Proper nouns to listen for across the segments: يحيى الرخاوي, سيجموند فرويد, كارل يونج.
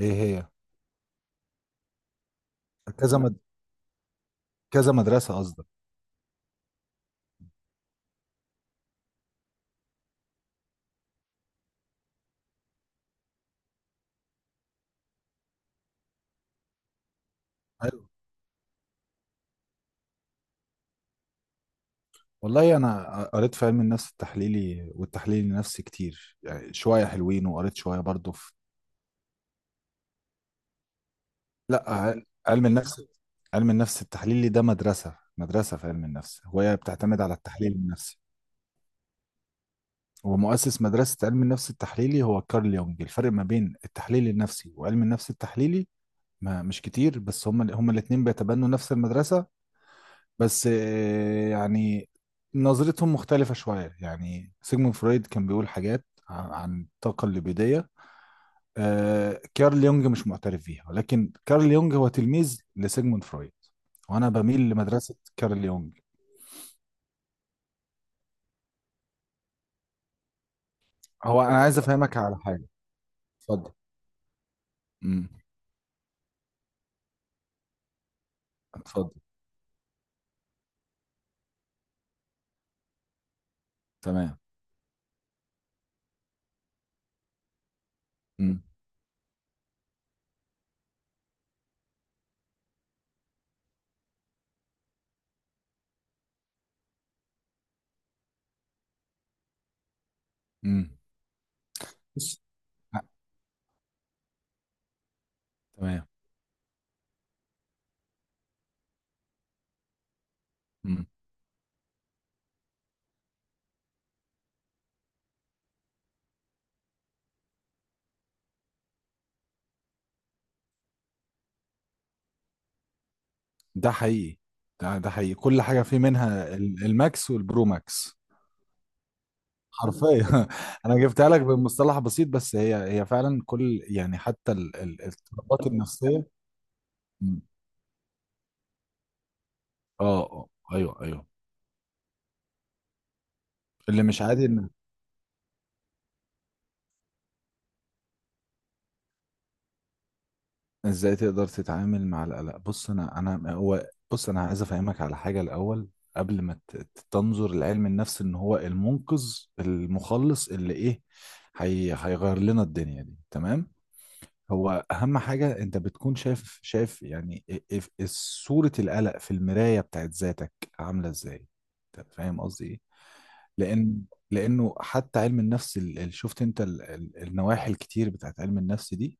ايه هي؟ كذا مد... كذا مدرسة قصدك؟ ايوه، والله انا قريت في علم النفس التحليلي والتحليل النفسي كتير، يعني شوية حلوين، وقريت شوية برضو في لا، علم النفس علم النفس التحليلي ده مدرسة في علم النفس، وهي بتعتمد على التحليل النفسي. ومؤسس مدرسة علم النفس التحليلي هو كارل يونج. الفرق ما بين التحليل النفسي وعلم النفس التحليلي ما مش كتير، بس هما الاتنين بيتبنوا نفس المدرسة، بس يعني نظرتهم مختلفة شوية. يعني سيجموند فرويد كان بيقول حاجات عن الطاقة الليبيدية، كارل يونج مش معترف بيها، ولكن كارل يونج هو تلميذ لسيجموند فرويد، وأنا بميل لمدرسة كارل يونج. هو أنا عايز أفهمك على حاجة. اتفضل. امم اتفضل. تمام. امم امم بص. لا، تمام. امم ده حقيقي. ده حقيقي. كل حاجة فيه منها الماكس والبرو ماكس. حرفيا انا جبتها لك بمصطلح بسيط، بس هي فعلا كل يعني حتى الاضطرابات النفسيه. مم. اه، اه، ايوه، ايوه. اللي مش عادي ان ازاي تقدر تتعامل مع القلق. بص، انا هو، بص، انا عايز افهمك على حاجه الاول، قبل ما تنظر لعلم النفس ان هو المنقذ المخلص اللي ايه، هي هيغير لنا الدنيا دي. تمام. هو اهم حاجه انت بتكون شايف يعني إيه- صوره القلق في المرايه بتاعت ذاتك عامله ازاي. انت فاهم قصدي ايه؟ لان، لانه حتى علم النفس اللي شفت انت النواحي الكتير بتاعت علم النفس دي،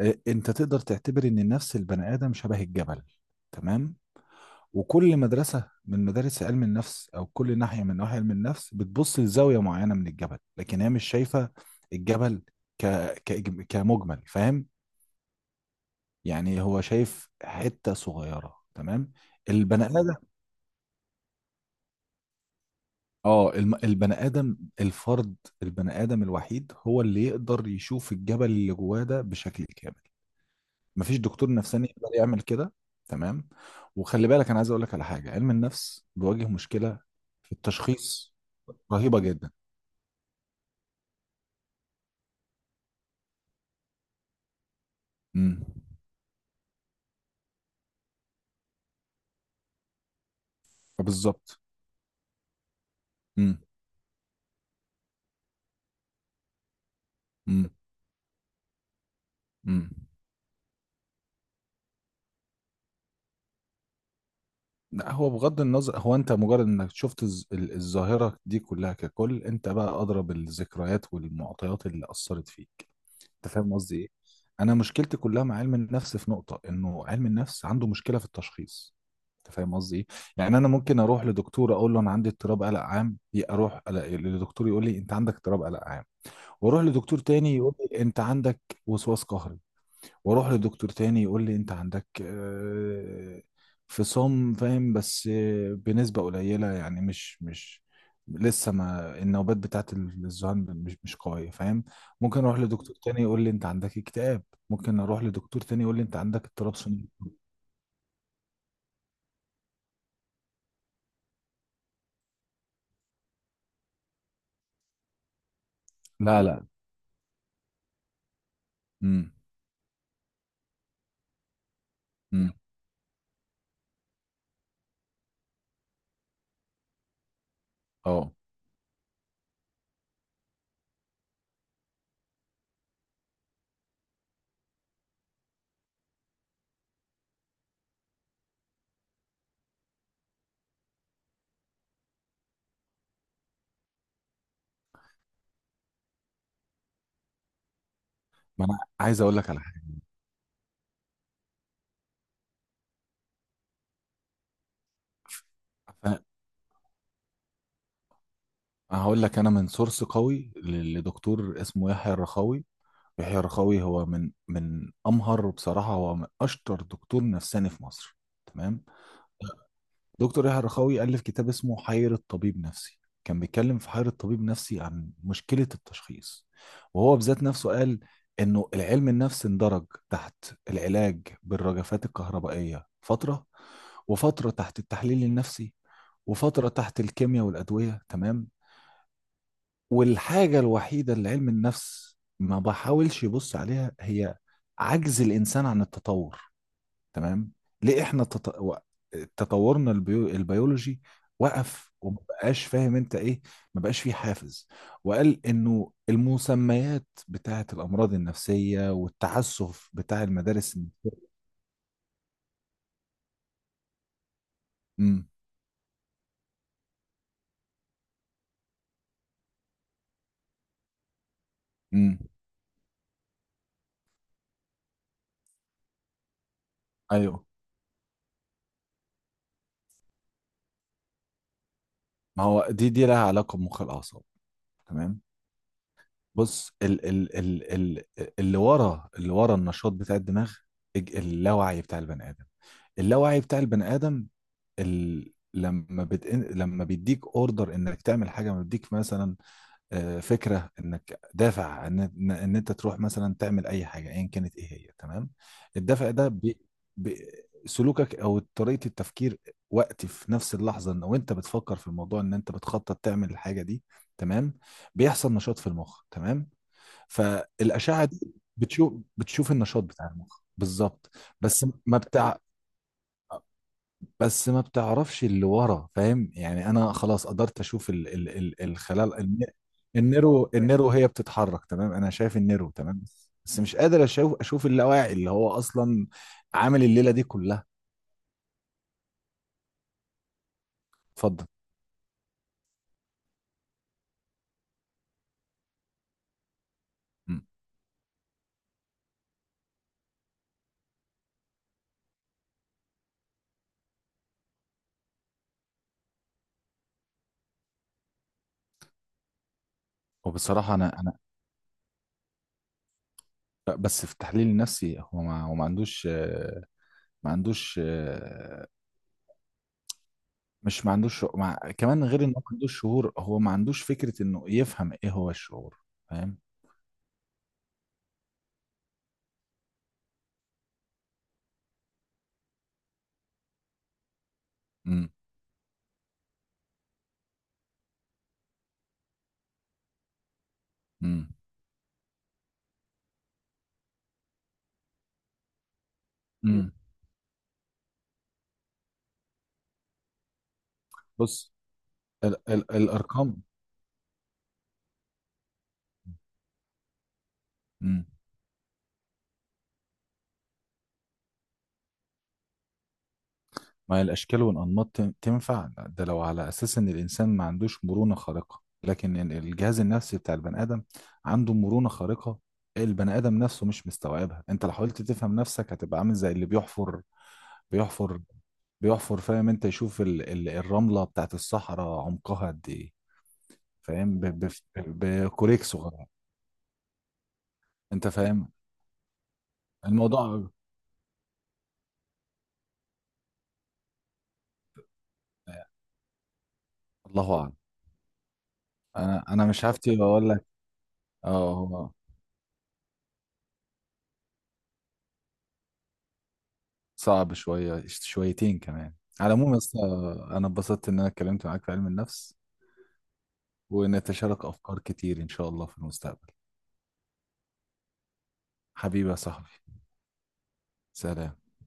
انت تقدر تعتبر ان النفس البني ادم شبه الجبل. تمام. وكل مدرسه من مدارس علم النفس، او كل ناحيه من نواحي علم النفس، بتبص لزاويه معينه من الجبل لكن هي مش شايفه الجبل ك... ك... كمجمل. فاهم؟ يعني هو شايف حتة صغيرة. تمام. البني تمام آدم. اه، البني آدم الفرد، البني آدم الوحيد هو اللي يقدر يشوف الجبل اللي جواه ده بشكل كامل. مفيش دكتور نفساني يقدر يعمل كده. تمام. وخلي بالك، أنا عايز أقول لك على حاجة. علم النفس بيواجه مشكلة في التشخيص رهيبة جدا. امم فبالظبط. امم امم لا، هو بغض النظر، هو انت مجرد انك شفت الظاهرة دي كلها ككل، انت بقى ادرى بالذكريات والمعطيات اللي اثرت فيك. انت فاهم قصدي ايه؟ انا مشكلتي كلها مع علم النفس في نقطة انه علم النفس عنده مشكلة في التشخيص. انت فاهم قصدي ايه؟ يعني انا ممكن اروح لدكتور اقول له انا عندي اضطراب قلق عام، اروح لدكتور يقول لي انت عندك اضطراب قلق عام، واروح لدكتور تاني يقول لي انت عندك وسواس قهري، واروح لدكتور تاني يقول لي انت عندك فصام. فاهم؟ بس بنسبة قليلة، يعني مش لسه ما النوبات بتاعت الذهان مش قوية. فاهم؟ ممكن اروح لدكتور تاني يقول لي انت عندك اكتئاب، ممكن اروح لدكتور تاني يقول لي انت عندك اضطراب ثنائي. لا، لا. امم امم اه. ما انا عايز اقول لك على حاجة. ف- هقول لك انا من سورس قوي لدكتور اسمه يحيى الرخاوي. يحيى الرخاوي هو من امهر، بصراحه هو من اشطر دكتور نفساني في مصر. تمام. دكتور يحيى الرخاوي الف كتاب اسمه حيرة طبيب نفسي. كان بيتكلم في حيرة طبيب نفسي عن مشكله التشخيص، وهو بذات نفسه قال انه العلم النفس اندرج تحت العلاج بالرجفات الكهربائيه فتره، وفتره تحت التحليل النفسي، وفتره تحت الكيمياء والادويه. تمام. والحاجة الوحيدة اللي علم النفس ما بحاولش يبص عليها هي عجز الإنسان عن التطور. تمام. ليه إحنا تطورنا البيولوجي وقف وما بقاش فاهم انت ايه، ما بقاش فيه حافز. وقال انه المسميات بتاعة الامراض النفسية والتعسف بتاع المدارس النفسية. امم امم ايوه. ما هو دي لها علاقة بمخ الاعصاب. تمام. بص، ال ال ال ال اللي ورا النشاط بتاع الدماغ، اللاوعي بتاع البني ادم، اللاوعي بتاع البني ادم لما بيديك اوردر انك تعمل حاجه، لما بيديك مثلا فكره انك دافع ان ان إن انت تروح مثلا تعمل اي حاجه ايا كانت ايه هي. تمام. الدافع ده بي... سلوكك او طريقه التفكير وقت، في نفس اللحظه ان وانت بتفكر في الموضوع ان انت بتخطط تعمل الحاجه دي. تمام. بيحصل نشاط في المخ. تمام. فالأشعة دي بتشوف النشاط بتاع المخ بالظبط. بس ما بتاع بس ما بتعرفش اللي ورا. فاهم؟ يعني انا خلاص قدرت اشوف ال ال ال الخلال النيرو هي بتتحرك. تمام. انا شايف النيرو. تمام. بس مش قادر اشوف اللاواعي اللي هو اصلا عامل الليله دي كلها. اتفضل. مم. وبصراحه انا بس في التحليل النفسي، هو ما هو ما عندوش آه، ما عندوش. مش ما عندوش شعور. كمان، غير انه ما عندوش شعور، هو ما عندوش فكرة انه يفهم ايه هو الشعور. فاهم؟ امم امم امم بص. الارقام. امم ما هي الاشكال والانماط تنفع ده لو على اساس ان الانسان ما عندوش مرونة خارقة، لكن الجهاز النفسي بتاع البني ادم عنده مرونة خارقة. البني ادم نفسه مش مستوعبها. انت لو حاولت تفهم نفسك هتبقى عامل زي اللي بيحفر، بيحفر بيحفر. فاهم انت؟ يشوف الرملة بتاعت الصحراء عمقها قد ايه. فاهم؟ بكوريك صغيره. انت فاهم الموضوع؟ الله اعلم. انا مش هفتي واقول لك. اه، هو صعب شويه، شويتين كمان. على العموم يا اسطى، انا اتبسطت ان انا اتكلمت معاك في علم النفس، ونتشارك افكار كتير ان شاء الله في المستقبل. حبيبي يا صاحبي. سلام.